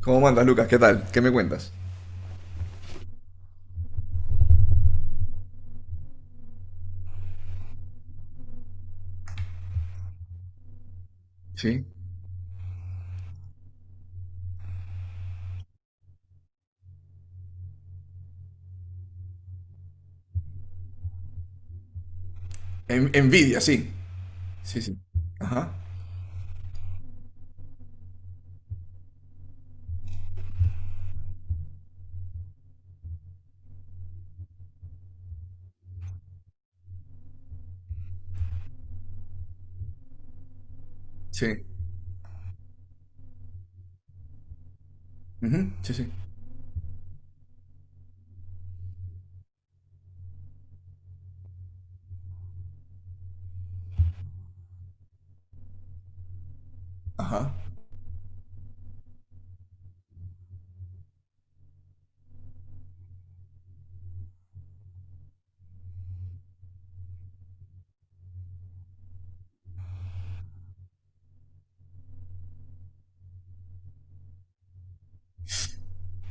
¿Cómo mandas, Lucas? ¿Qué tal? ¿Qué me cuentas? Sí. Envidia, sí. Sí, sí. Ajá. Sí. Ujú, sí, sí. Ajá.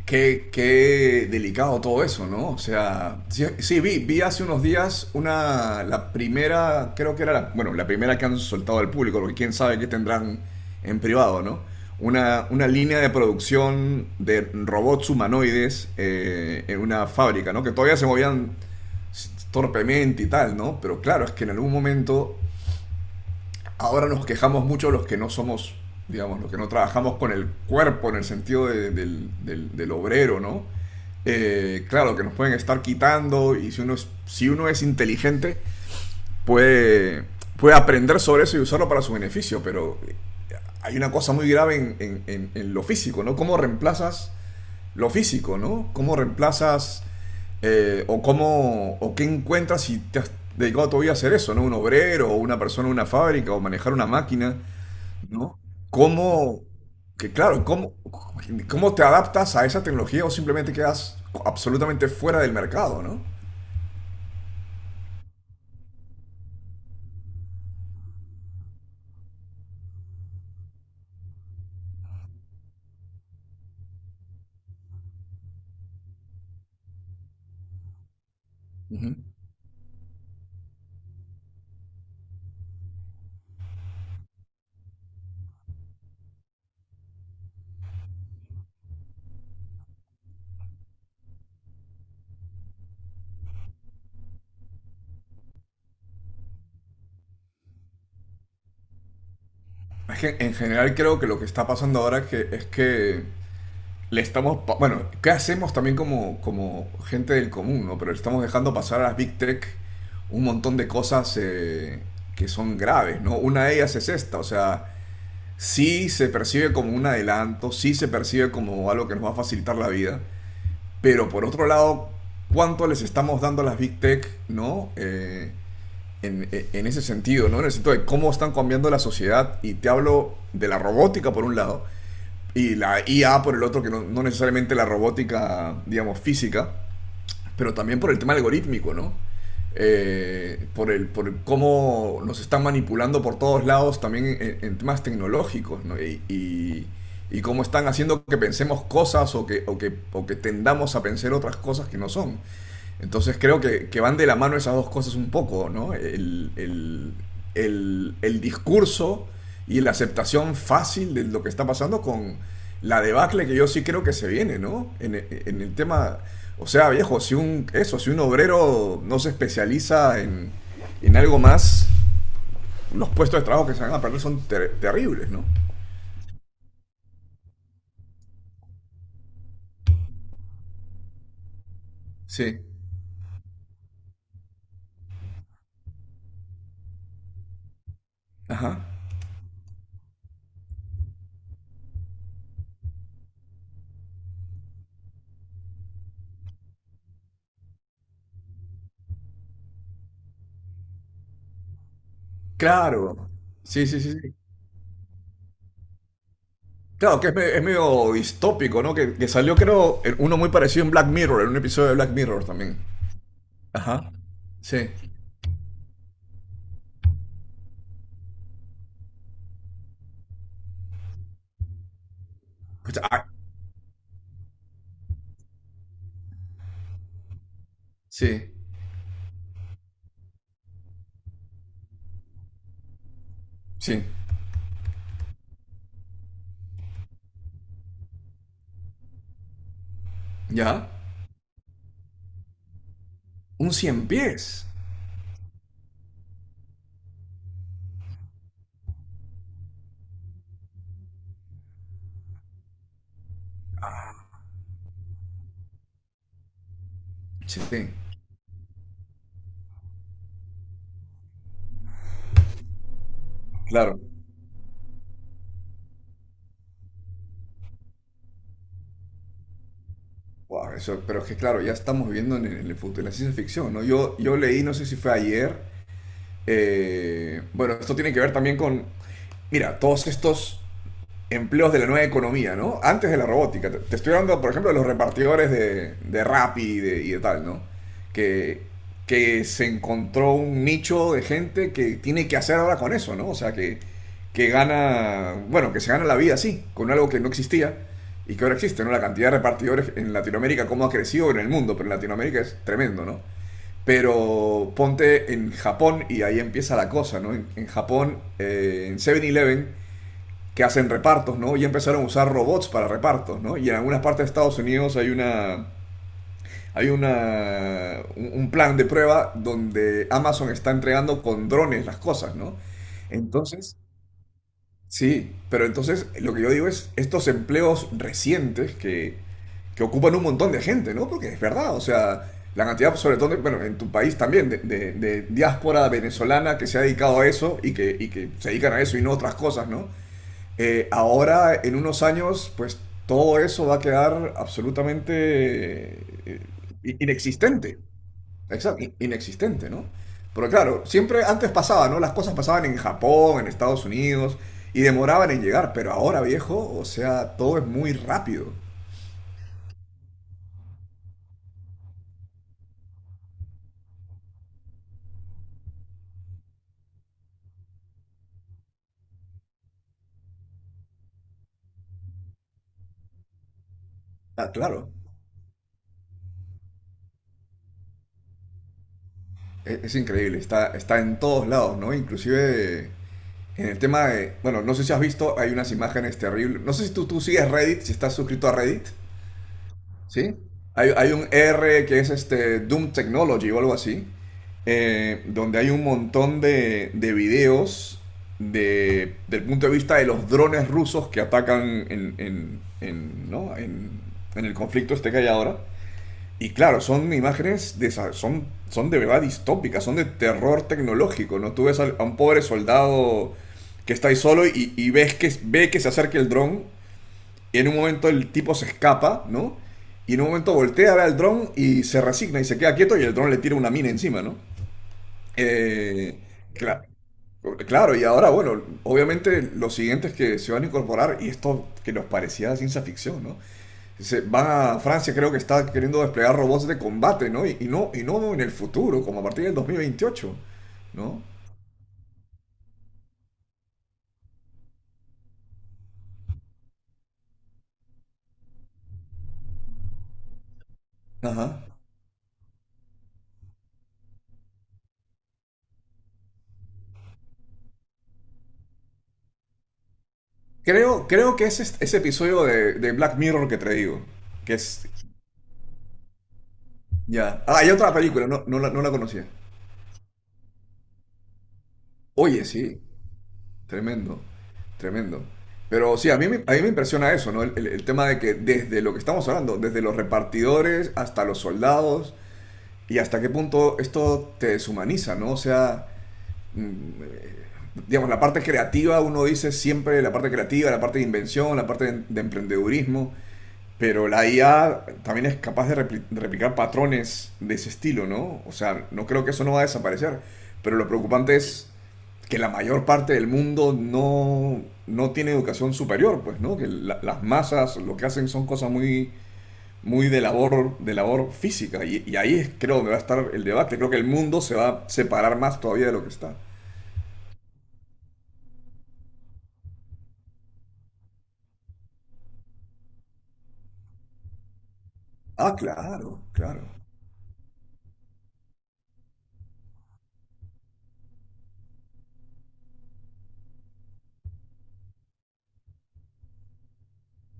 Qué, qué delicado todo eso, ¿no? O sea, sí, sí, vi hace unos días una, la primera, creo que era la, bueno, la primera que han soltado al público, porque quién sabe qué tendrán en privado, ¿no? Una línea de producción de robots humanoides en una fábrica, ¿no? Que todavía se movían torpemente y tal, ¿no? Pero claro, es que en algún momento ahora nos quejamos mucho los que no somos, digamos, los que no trabajamos con el cuerpo en el sentido del obrero, ¿no? Claro, que nos pueden estar quitando y si uno es, si uno es inteligente puede, puede aprender sobre eso y usarlo para su beneficio, pero hay una cosa muy grave en lo físico, ¿no? ¿Cómo reemplazas lo físico, ¿no? ¿Cómo reemplazas o cómo o qué encuentras si te has dedicado todavía a hacer eso, ¿no? Un obrero o una persona en una fábrica o manejar una máquina. ¿No? ¿Cómo, que claro, cómo, cómo te adaptas a esa tecnología o simplemente quedas absolutamente fuera del mercado, ¿no? Ujú. Es que en general creo que lo que está pasando ahora es es que le estamos, bueno, ¿qué hacemos también como, como gente del común, ¿no? Pero le estamos dejando pasar a las Big Tech un montón de cosas que son graves, ¿no? Una de ellas es esta, o sea, sí se percibe como un adelanto, sí se percibe como algo que nos va a facilitar la vida, pero por otro lado, ¿cuánto les estamos dando a las Big Tech, ¿no? En ese sentido, ¿no? En el sentido de cómo están cambiando la sociedad. Y te hablo de la robótica por un lado y la IA por el otro, que no, no necesariamente la robótica, digamos, física, pero también por el tema algorítmico, ¿no? Por el cómo nos están manipulando por todos lados también en temas tecnológicos, ¿no? Cómo están haciendo que pensemos cosas o o que tendamos a pensar otras cosas que no son. Entonces creo que van de la mano esas dos cosas un poco, ¿no? El discurso y la aceptación fácil de lo que está pasando con la debacle que yo sí creo que se viene, ¿no? En el tema, o sea, viejo, si un, eso, si un obrero no se especializa en algo más, los puestos de trabajo que se van a perder son terribles, ¿no? Sí. Ajá. Claro. Sí, sí, sí, sí. Claro, que es, es medio distópico, ¿no? Que salió, creo, uno muy parecido en Black Mirror, en un episodio de Black Mirror también. Ajá. Sí. O sea, ah, sí. Sí. ¿Ya? Un cien pies. Sí. Claro. Wow, eso, pero es que, claro, ya estamos viviendo en el futuro, en la ciencia ficción, ¿no? Yo leí, no sé si fue ayer. Bueno, esto tiene que ver también con. Mira, todos estos empleos de la nueva economía, ¿no? Antes de la robótica. Te, estoy hablando, por ejemplo, de los repartidores de Rappi y de tal, ¿no? Que, que se encontró un nicho de gente que tiene que hacer ahora con eso, ¿no? O sea, que gana, bueno, que se gana la vida así, con algo que no existía y que ahora existe, ¿no? La cantidad de repartidores en Latinoamérica, cómo ha crecido en el mundo, pero en Latinoamérica es tremendo, ¿no? Pero ponte en Japón y ahí empieza la cosa, ¿no? En Japón, en Seven eleven que hacen repartos, ¿no? Y empezaron a usar robots para repartos, ¿no? Y en algunas partes de Estados Unidos hay una un plan de prueba donde Amazon está entregando con drones las cosas, ¿no? Entonces, sí, pero entonces lo que yo digo es estos empleos recientes que ocupan un montón de gente, ¿no? Porque es verdad, o sea, la cantidad, sobre todo, bueno, en tu país también, de diáspora venezolana que se ha dedicado a eso y que se dedican a eso y no a otras cosas, ¿no? Ahora, en unos años, pues todo eso va a quedar absolutamente eh, inexistente. Exacto, inexistente, ¿no? Pero claro, siempre antes pasaba, ¿no? Las cosas pasaban en Japón, en Estados Unidos, y demoraban en llegar, pero ahora, viejo, o sea, todo es muy rápido. Ah, claro, es increíble, está, está en todos lados, ¿no? Inclusive en el tema de, bueno, no sé si has visto, hay unas imágenes terribles. No sé si tú, tú sigues Reddit, si estás suscrito a Reddit. ¿Sí? Hay un R que es este Doom Technology o algo así, donde hay un montón de videos del punto de vista de los drones rusos que atacan ¿no? En el conflicto este que hay ahora. Y claro, son imágenes de son, son de verdad distópicas, son de terror tecnológico, ¿no? Tú ves a un pobre soldado que está ahí solo y ves que ve que se acerca el dron y en un momento el tipo se escapa, ¿no? Y en un momento voltea a ver al dron y se resigna y se queda quieto y el dron le tira una mina encima, ¿no? Eh, cla- claro, y ahora, bueno, obviamente los siguientes que se van a incorporar, y esto que nos parecía ciencia ficción, ¿no? Se van a Francia, creo que está queriendo desplegar robots de combate, ¿no? Y no en el futuro, como a partir del 2028, ¿no? Ajá. Creo, creo que es ese episodio de Black Mirror que te digo, que es Ya. Ah, hay otra película, no, no la, no la conocía. Oye, sí, tremendo, tremendo. Pero sí, a mí, a mí me impresiona eso, ¿no? El tema de que desde lo que estamos hablando, desde los repartidores hasta los soldados, y hasta qué punto esto te deshumaniza, ¿no? O sea, mm, digamos, la parte creativa, uno dice siempre la parte creativa, la parte de invención, la parte de emprendedurismo, pero la IA también es capaz de de replicar patrones de ese estilo, ¿no? O sea, no creo que eso no va a desaparecer. Pero lo preocupante es que la mayor parte del mundo no, no tiene educación superior, pues, ¿no? Que las masas lo que hacen son cosas muy, muy de labor física. Y ahí es, creo donde va a estar el debate. Creo que el mundo se va a separar más todavía de lo que está. Ah, claro, claro.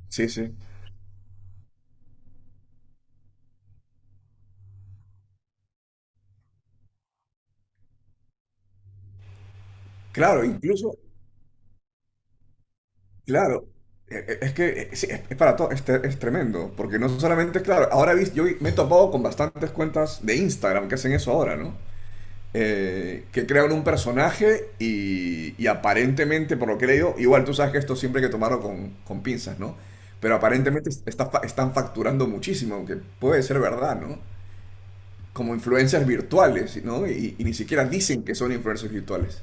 Sí, sí. Claro, incluso, claro, es que sí, es para todo, es, es tremendo, porque no solamente, claro, ahora yo me he topado con bastantes cuentas de Instagram que hacen eso ahora, ¿no? Que crean un personaje y aparentemente, por lo que he leído, igual tú sabes que esto siempre hay que tomarlo con pinzas, ¿no? Pero aparentemente está están facturando muchísimo, aunque puede ser verdad, ¿no? Como influencias virtuales, ¿no? Y ni siquiera dicen que son influencias virtuales.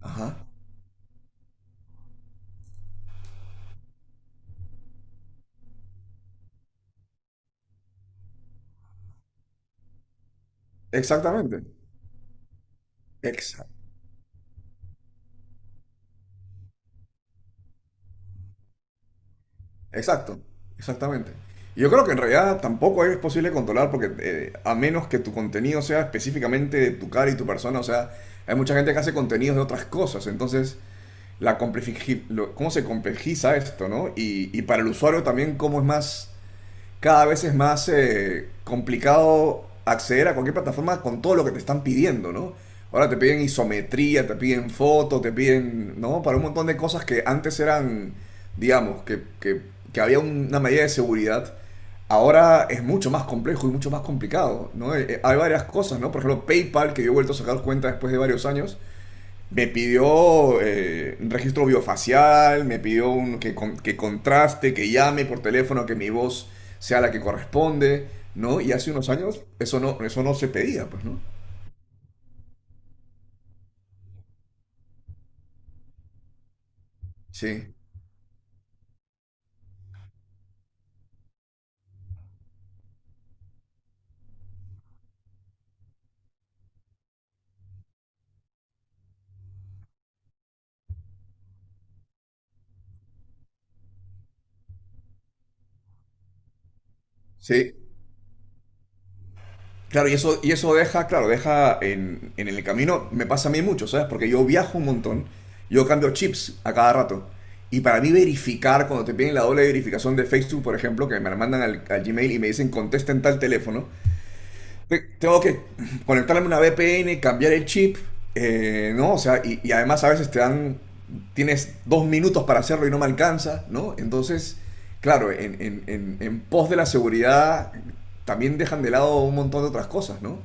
Ajá. Exactamente. Exacto. Exacto, exactamente. Y yo creo que en realidad tampoco es posible controlar porque a menos que tu contenido sea específicamente de tu cara y tu persona, o sea, hay mucha gente que hace contenidos de otras cosas, entonces la cómo se complejiza esto, ¿no? Y para el usuario también cómo es más cada vez es más complicado acceder a cualquier plataforma con todo lo que te están pidiendo, ¿no? Ahora te piden isometría, te piden fotos, te piden, ¿no? Para un montón de cosas que antes eran, digamos, que había una medida de seguridad. Ahora es mucho más complejo y mucho más complicado, ¿no? Hay varias cosas, ¿no? Por ejemplo, PayPal, que yo he vuelto a sacar cuenta después de varios años, me pidió un registro biofacial, me pidió un, que, que contraste, que llame por teléfono, que mi voz sea la que corresponde, ¿no? Y hace unos años eso no se pedía, pues, ¿no? Sí, sí. Claro, y eso deja, claro, deja en el camino, me pasa a mí mucho, ¿sabes? Porque yo viajo un montón, yo cambio chips a cada rato. Y para mí verificar, cuando te piden la doble verificación de Facebook, por ejemplo, que me la mandan al Gmail y me dicen contesta en tal teléfono, tengo que conectarme a una VPN, cambiar el chip, ¿no? O sea, y además a veces te dan, tienes 2 minutos para hacerlo y no me alcanza, ¿no? Entonces, claro, en pos de la seguridad también dejan de lado un montón de otras cosas, ¿no?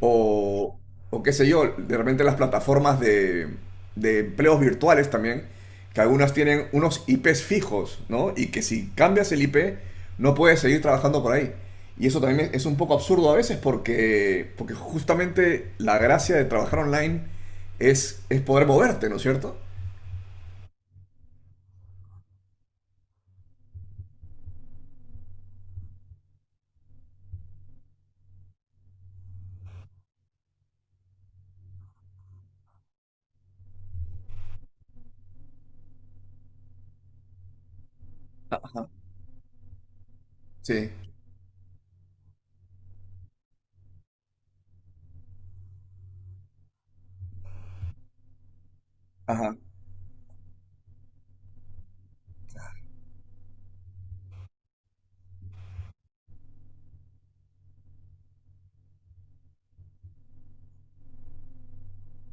O, o qué sé yo, de repente las plataformas de empleos virtuales también que algunas tienen unos IPs fijos, ¿no? Y que si cambias el IP, no puedes seguir trabajando por ahí. Y eso también es un poco absurdo a veces porque, porque justamente la gracia de trabajar online es poder moverte, ¿no es cierto? Ajá. Sí. Ajá.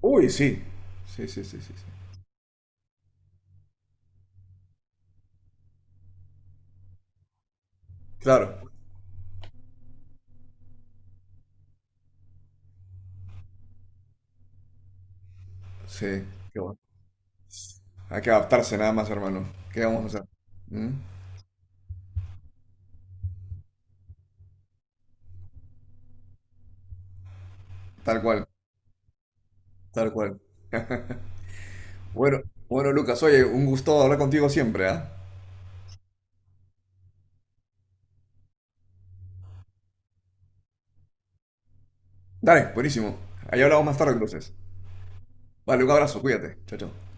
Uy, sí. Sí, sí, sí, sí, sí. Claro. Sí. Qué bueno. Hay que adaptarse nada más, hermano. ¿Qué vamos a hacer? ¿Mm? Tal cual, tal cual. Bueno, bueno, Lucas, oye, un gusto hablar contigo siempre, ¿ah? Dale, buenísimo. Ahí hablamos más tarde entonces. Vale, un abrazo, cuídate. Chao, chao.